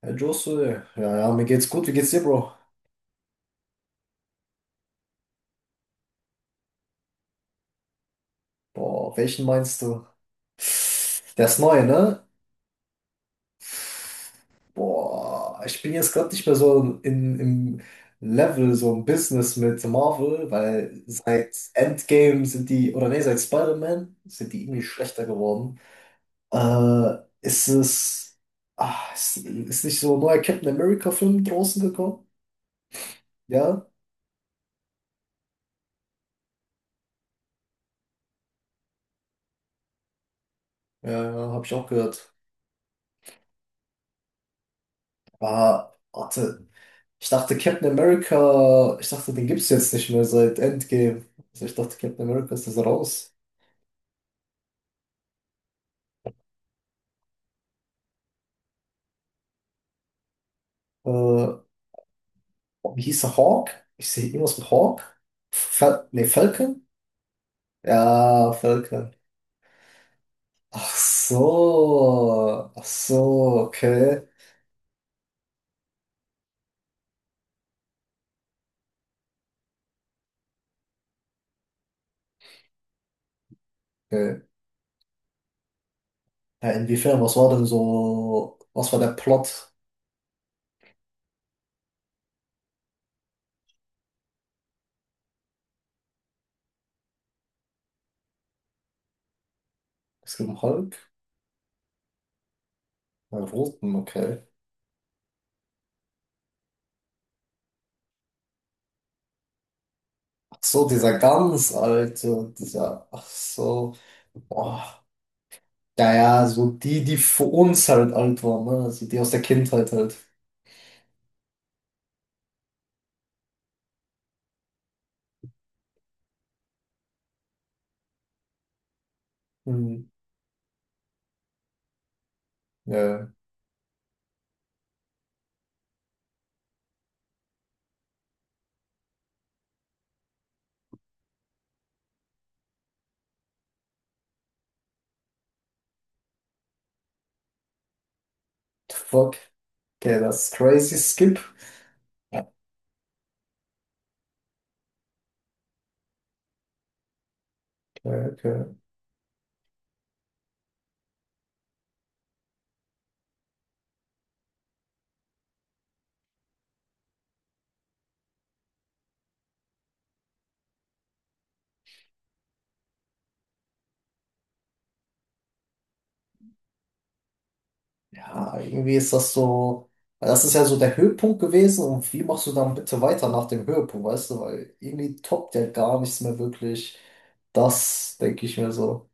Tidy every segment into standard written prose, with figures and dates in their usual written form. Hey Josse, ja, mir geht's gut. Wie geht's dir, Bro? Boah, welchen meinst du? Der ist neu, ne? Boah, ich bin jetzt gerade nicht mehr so im Level, so im Business mit Marvel, weil seit Endgame sind die, oder nee, seit Spider-Man sind die irgendwie schlechter geworden. Ist es, ah, ist nicht so ein neuer Captain America-Film draußen gekommen? Ja? Ja, hab ich auch gehört. Aber, warte. Ich dachte, den gibt's jetzt nicht mehr seit Endgame. Also ich dachte, Captain America ist jetzt raus. Äh, Wie hieß er? Hawk? Ich sehe irgendwas mit Hawk. Falcon? Ja, Falcon. Ach so. Ach so, okay. Okay. Ja, inwiefern, was war denn so, was war der Plot? Es gibt einen Hulk? Einen roten, okay. Ach so. Boah. Ja, ja, so die für uns halt alt waren, ne? Also die aus der Kindheit halt. Hm. Ja. Fuck? Okay, das ist crazy Skip. Okay, okay. Ja, irgendwie ist das so. Das ist ja so der Höhepunkt gewesen und wie machst du dann bitte weiter nach dem Höhepunkt, weißt du? Weil irgendwie toppt ja gar nichts mehr wirklich. Das denke ich mir so.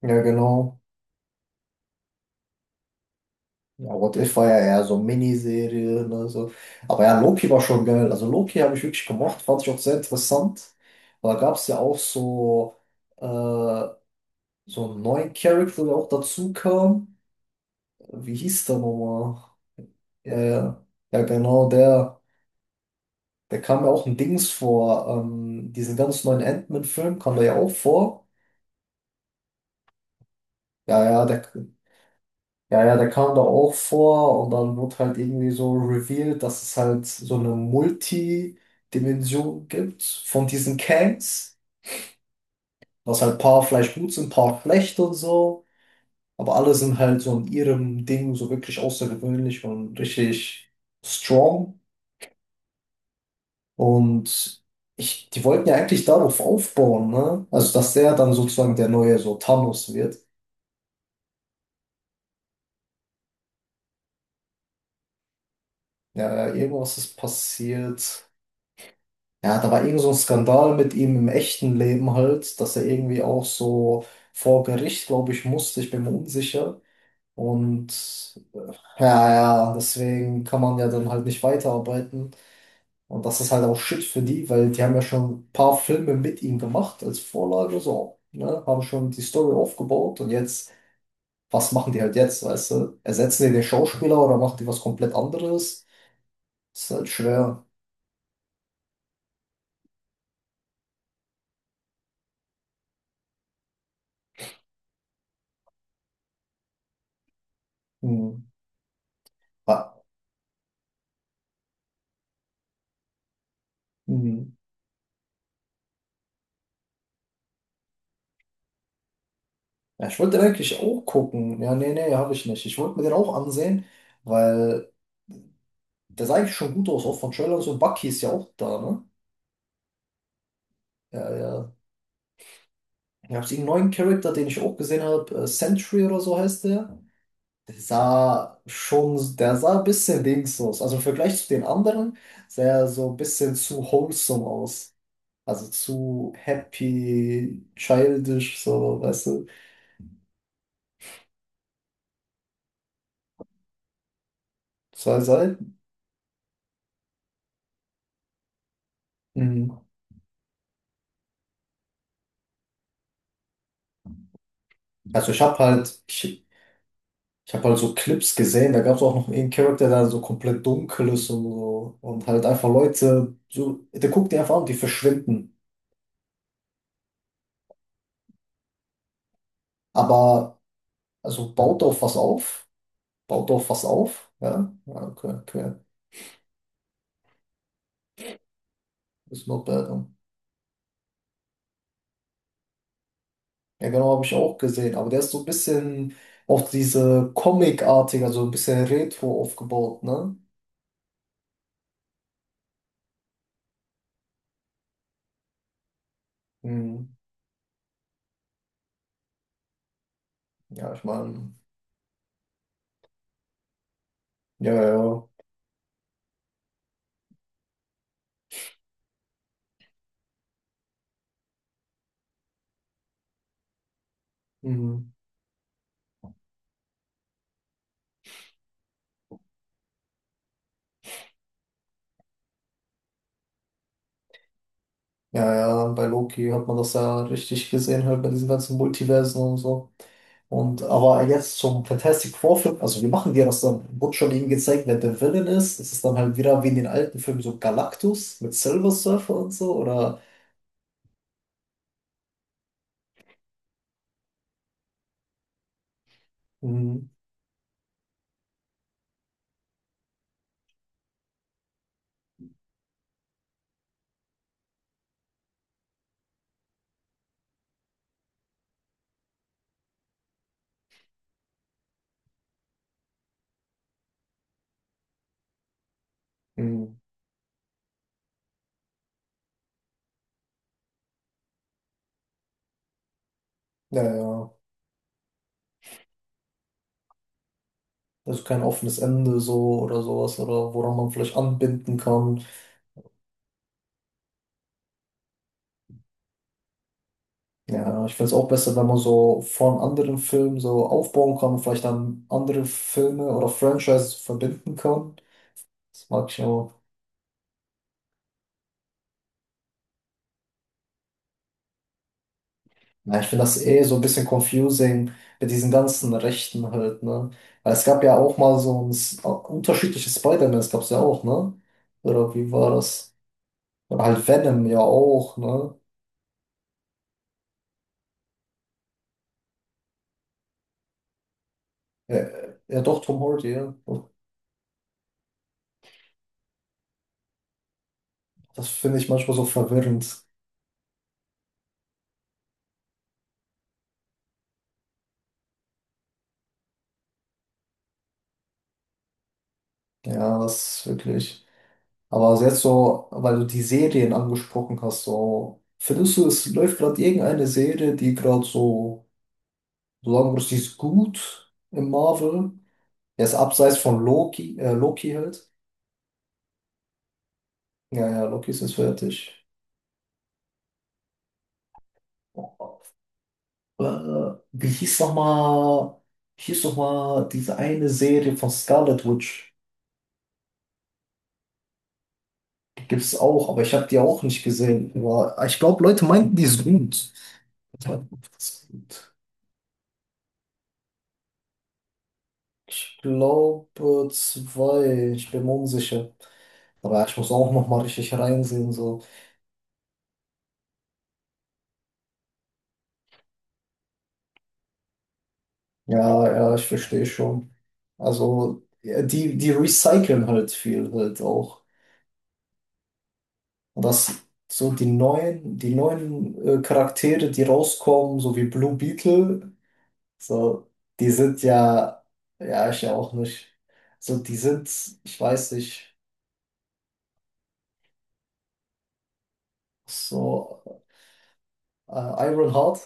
Ja, genau. Ja, What If war ja eher so Miniserie, ne, so. Aber ja, Loki war schon geil. Also Loki habe ich wirklich gemocht, fand ich auch sehr interessant. Weil da gab es ja auch so, äh, so einen neuen Charakter, der auch dazu kam. Wie hieß der nochmal? Ja, ja. Ja, genau, der kam ja auch ein Dings vor. Diesen ganz neuen Ant-Man-Film kam der ja auch vor. Ja, ja, der, Ja, ja, der kam da auch vor und dann wurde halt irgendwie so revealed, dass es halt so eine Multidimension gibt von diesen Kangs, dass halt ein paar vielleicht gut sind, ein paar schlecht und so, aber alle sind halt so in ihrem Ding so wirklich außergewöhnlich und richtig strong und ich, die wollten ja eigentlich darauf aufbauen, ne? Also, dass der dann sozusagen der neue so Thanos wird. Ja, ja, irgendwas ist passiert. Ja, da war irgend so ein Skandal mit ihm im echten Leben halt, dass er irgendwie auch so vor Gericht, glaube ich, musste. Ich bin mir unsicher. Und äh, ja, ja, deswegen kann man ja dann halt nicht weiterarbeiten. Und das ist halt auch Shit für die, weil die haben ja schon ein paar Filme mit ihm gemacht als Vorlage, so, ne? Haben schon die Story aufgebaut und jetzt, was machen die halt jetzt, weißt du? Ersetzen die den Schauspieler oder machen die was komplett anderes? Ist halt schwer. Hm. Ja. Hm. Ja, ich wollte den eigentlich auch gucken. Ja, nee, nee, habe ich nicht. Ich wollte mir den auch ansehen, weil der sah eigentlich schon gut aus, auch von Trailer und so. Bucky ist ja auch da, ne? Ja, ja. Ich habe einen neuen Charakter, den ich auch gesehen habe. Sentry oder so heißt der. Der sah ein bisschen links aus. Also im Vergleich zu den anderen sah er so ein bisschen zu wholesome aus. Also zu happy, childish, so, weißt du. Das soll sein. Mhm. Also ich habe halt, ich, Ich habe halt so Clips gesehen, da gab es auch noch einen Charakter, der so komplett dunkel ist und so. Und halt einfach Leute, so, der guckt die einfach an, die verschwinden. Aber, also baut auf was auf. Baut auf was auf. Ja, ja okay, okay. Ist not bad. Ne? Ja, genau, habe ich auch gesehen. Aber der ist so ein bisschen auf diese Comic-artig, also ein bisschen Retro aufgebaut, ne? Hm. Ja, ich meine, ja, ja. ja. Hm. Ja, ja, bei Loki hat man das ja richtig gesehen, halt bei diesen ganzen Multiversen und so. Und aber jetzt zum Fantastic Four-Film, also wie machen die das dann? Wurde schon eben gezeigt, wer der Villain ist. Ist es dann halt wieder wie in den alten Filmen so Galactus mit Silver Surfer und so? Oder hm, hm, ja, ja. Also kein offenes Ende so oder sowas oder woran man vielleicht anbinden kann. Ja, ich finde es auch besser, wenn man so von anderen Filmen so aufbauen kann und vielleicht dann andere Filme oder Franchises verbinden kann. Das mag ich auch. Ja, ich finde das eh so ein bisschen confusing mit diesen ganzen Rechten halt, ne? Weil es gab ja auch mal so ein S- unterschiedliche Spider-Mans gab es ja auch, ne? Oder wie war das? Oder halt Venom ja auch, ne? Ja, ja doch, Tom Hardy, ja. Das finde ich manchmal so verwirrend. Ja, das ist wirklich. Aber also jetzt so, weil du die Serien angesprochen hast, so, findest du, es läuft gerade irgendeine Serie, die gerade so, so sagen würdest, die ist gut im Marvel? Er ist abseits von Loki, Loki halt. Ja, ja, Loki ist jetzt fertig. Äh, wie hieß nochmal, hieß noch mal diese eine Serie von Scarlet Witch? Die gibt's auch, aber ich habe die auch nicht gesehen. Aber ich glaube, Leute meinten, die ist gut. Meinten, die ist gut. Ich glaube zwei, ich bin mir unsicher. Aber ich muss auch nochmal richtig reinsehen, so. Ja, ja, ich verstehe schon. Also, ja, die recyceln halt viel halt auch. Und das so die neuen, die neuen Charaktere, die rauskommen, so wie Blue Beetle, so, die sind ja, ja, ich ja auch nicht. So, die sind, ich weiß nicht, so äh, Ironheart.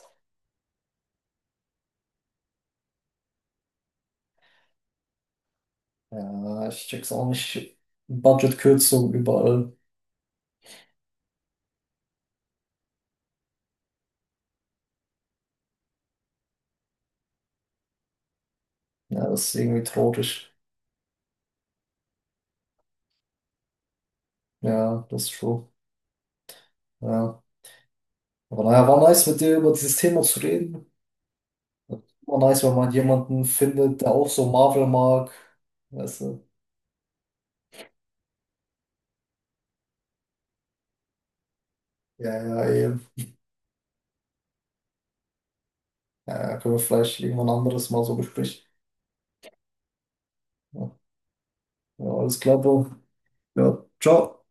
Ja, ich check's auch nicht. Budgetkürzung überall. Ja, das ist irgendwie traurig. Ja, das ist true. Ja. Aber naja, war nice mit dir über dieses Thema zu reden. War nice, wenn man jemanden findet, der auch so Marvel mag. Weißt du? Ja, ja, eben. Ja, können wir vielleicht irgendwann anderes Mal so besprechen. Ja, ja alles klar, Bro. Ja, ciao.